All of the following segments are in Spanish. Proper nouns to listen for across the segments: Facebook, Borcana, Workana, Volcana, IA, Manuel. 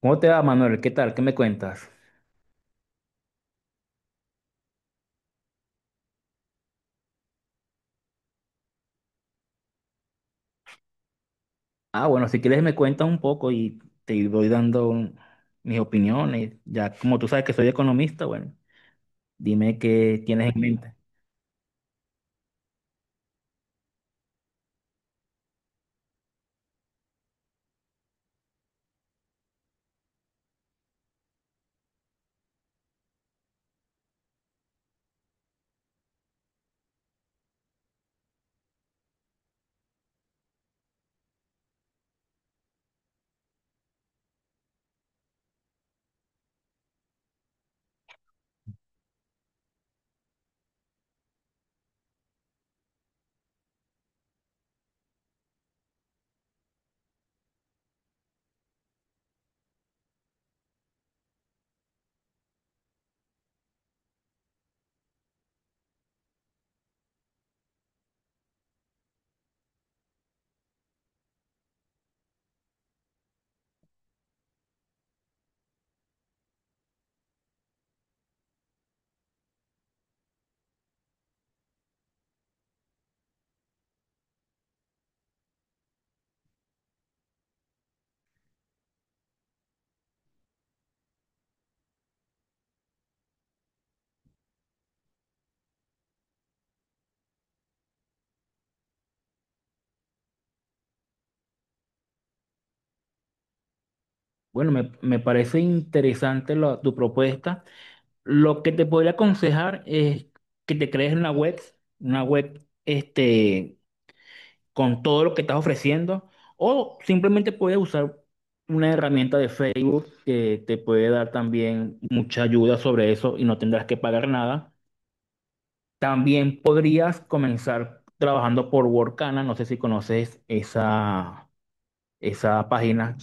¿Cómo te va, Manuel? ¿Qué tal? ¿Qué me cuentas? Ah, bueno, si quieres me cuentas un poco y te voy dando mis opiniones. Ya como tú sabes que soy economista, bueno, dime qué tienes en mente. Bueno, me parece interesante tu propuesta. Lo que te podría aconsejar es que te crees una web con todo lo que estás ofreciendo, o simplemente puedes usar una herramienta de Facebook que te puede dar también mucha ayuda sobre eso y no tendrás que pagar nada. También podrías comenzar trabajando por Workana, no sé si conoces esa, esa página.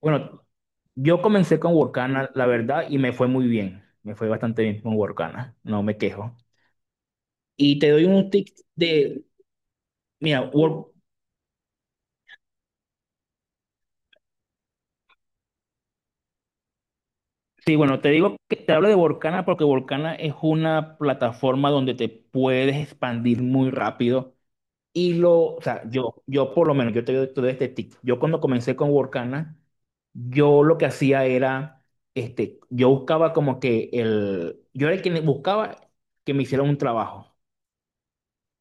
Bueno, yo comencé con Workana, la verdad, y me fue muy bien. Me fue bastante bien con Workana, no me quejo. Y te doy un tip de, mira, sí, bueno, te digo que te hablo de Volcana porque Volcana es una plataforma donde te puedes expandir muy rápido. Y lo, o sea, yo por lo menos, yo te doy todo este tip. Yo cuando comencé con Volcana, yo lo que hacía era, yo buscaba como que el, yo era el que buscaba que me hicieran un trabajo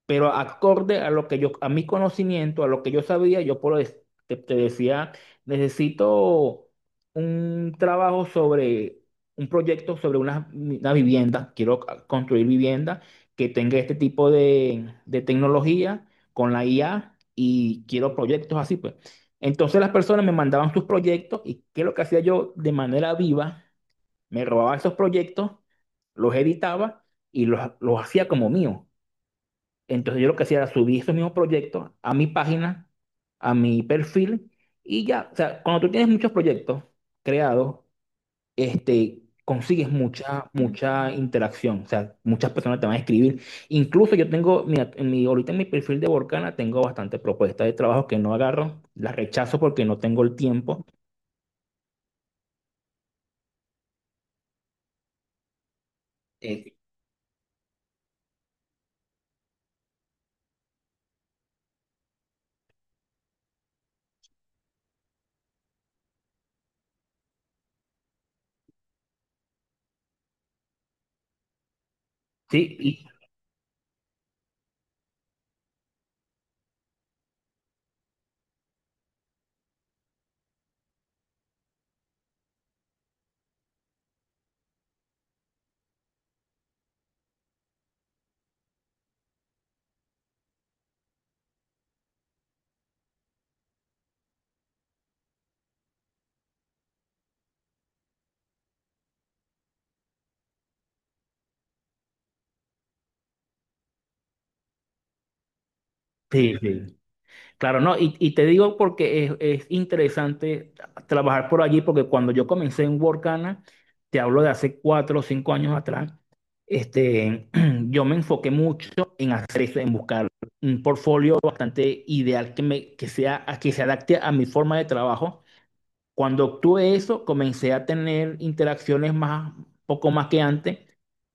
pero acorde a lo que yo, a mi conocimiento, a lo que yo sabía, yo te decía, necesito un trabajo sobre un proyecto sobre una vivienda, quiero construir vivienda que tenga este tipo de tecnología con la IA y quiero proyectos así, pues. Entonces las personas me mandaban sus proyectos y qué es lo que hacía yo de manera viva, me robaba esos proyectos, los editaba y los hacía como mío. Entonces yo lo que hacía era subir esos mismos proyectos a mi página, a mi perfil y ya, o sea, cuando tú tienes muchos proyectos creados, consigues mucha, mucha interacción, o sea, muchas personas te van a escribir. Incluso yo tengo, mira, en mi, ahorita en mi perfil de Borcana tengo bastantes propuestas de trabajo que no agarro, las rechazo porque no tengo el tiempo. Eh, sí, y- sí, sí. Claro, no, y te digo porque es interesante trabajar por allí, porque cuando yo comencé en Workana, te hablo de hace 4 o 5 años atrás, este, yo me enfoqué mucho en hacer eso, en buscar un portfolio bastante ideal que, me, que, sea, que se adapte a mi forma de trabajo. Cuando obtuve eso, comencé a tener interacciones más, poco más que antes,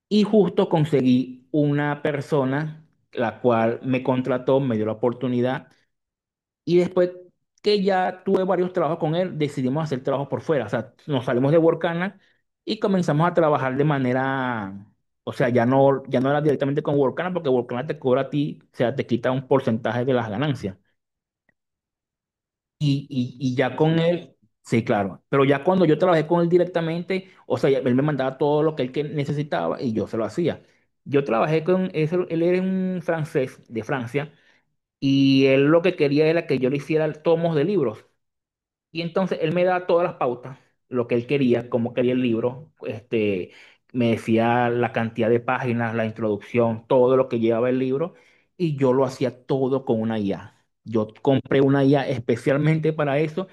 y justo conseguí una persona la cual me contrató, me dio la oportunidad y después que ya tuve varios trabajos con él, decidimos hacer trabajos por fuera. O sea, nos salimos de Workana y comenzamos a trabajar de manera, o sea, ya no, ya no era directamente con Workana porque Workana te cobra a ti, o sea, te quita un porcentaje de las ganancias. Y ya con él, sí, claro. Pero ya cuando yo trabajé con él directamente, o sea, ya él me mandaba todo lo que él que necesitaba y yo se lo hacía. Yo trabajé con él era un francés de Francia y él lo que quería era que yo le hiciera tomos de libros. Y entonces él me da todas las pautas, lo que él quería, cómo quería el libro, me decía la cantidad de páginas, la introducción, todo lo que llevaba el libro, y yo lo hacía todo con una IA. Yo compré una IA especialmente para eso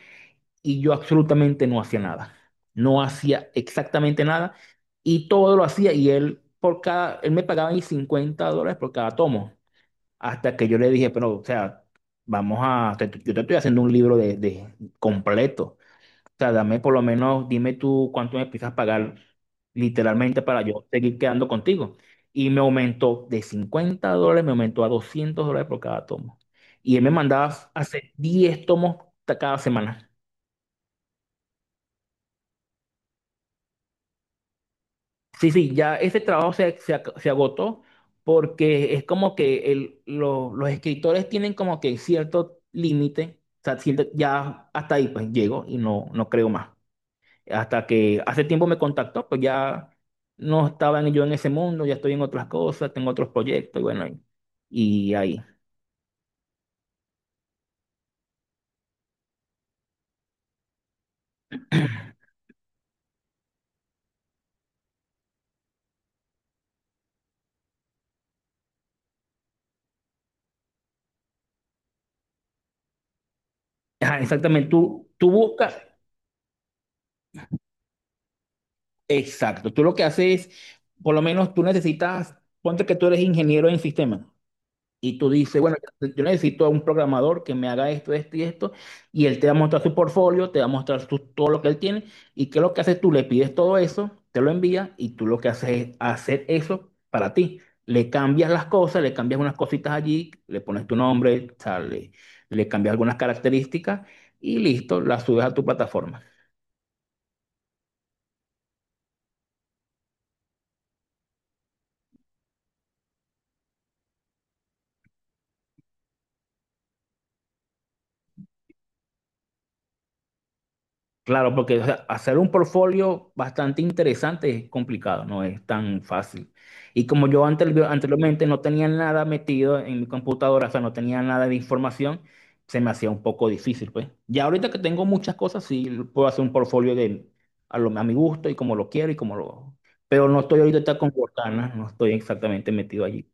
y yo absolutamente no hacía nada. No hacía exactamente nada y todo lo hacía y él por cada, él me pagaba mis $50 por cada tomo, hasta que yo le dije, pero, o sea, vamos a, yo te estoy haciendo un libro de completo sea, dame por lo menos, dime tú cuánto me empiezas a pagar literalmente para yo seguir quedando contigo. Y me aumentó de $50, me aumentó a $200 por cada tomo. Y él me mandaba a hacer 10 tomos cada semana. Sí, sí, ya ese trabajo se agotó porque es como que los escritores tienen como que cierto límite, o sea, ya hasta ahí pues llego y no, no creo más. Hasta que hace tiempo me contactó, pues ya no yo en ese mundo, ya estoy en otras cosas, tengo otros proyectos, y bueno, y ahí. Ajá, exactamente, tú buscas, exacto, tú lo que haces, por lo menos tú necesitas, ponte que tú eres ingeniero en sistemas. Y tú dices, bueno, yo necesito a un programador que me haga esto, esto y esto. Y él te va a mostrar su portfolio, te va a mostrar todo lo que él tiene. ¿Y qué es lo que haces tú? Le pides todo eso, te lo envía y tú lo que haces es hacer eso para ti. Le cambias las cosas, le cambias unas cositas allí, le pones tu nombre, o sea, le cambias algunas características y listo, la subes a tu plataforma. Claro, porque o sea, hacer un portfolio bastante interesante es complicado, no es tan fácil. Y como yo anteriormente no tenía nada metido en mi computadora, o sea, no tenía nada de información, se me hacía un poco difícil, pues. Ya ahorita que tengo muchas cosas, sí puedo hacer un portfolio de, a mi gusto y como lo quiero y como lo... Pero no estoy ahorita con Workana, no estoy exactamente metido allí.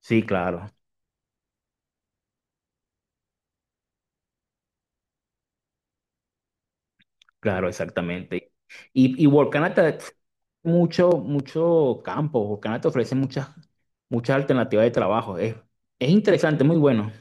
Sí, claro, claro, exactamente. Y Workana te, mucho, mucho campo. Workana te ofrece muchas, muchas alternativas de trabajo. Es interesante, muy bueno.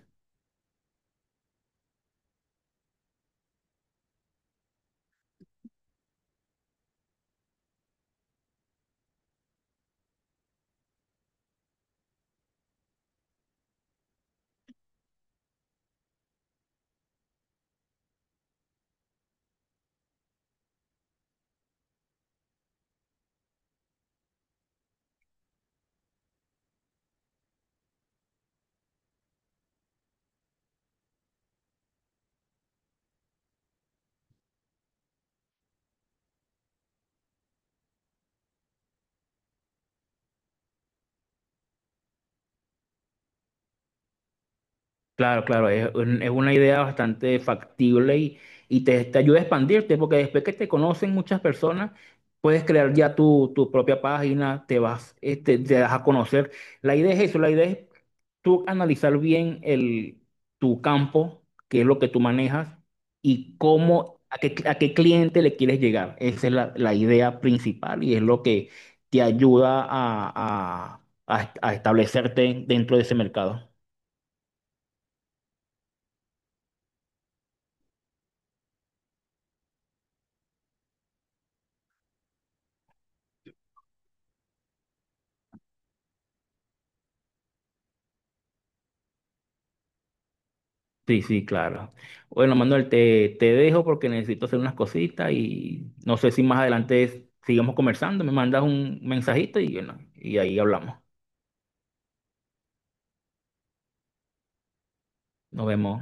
Claro, claro, es, es una idea bastante factible y te ayuda a expandirte, porque después que te conocen muchas personas, puedes crear ya tu propia página, te vas, te das a conocer. La idea es eso, la idea es tú analizar bien el, tu campo, qué es lo que tú manejas y cómo, a qué cliente le quieres llegar. Esa es la, la idea principal y es lo que te ayuda a establecerte dentro de ese mercado. Sí, sí, claro. Bueno, Manuel, te dejo porque necesito hacer unas cositas y no sé si más adelante sigamos conversando. Me mandas un mensajito y, bueno, y ahí hablamos. Nos vemos.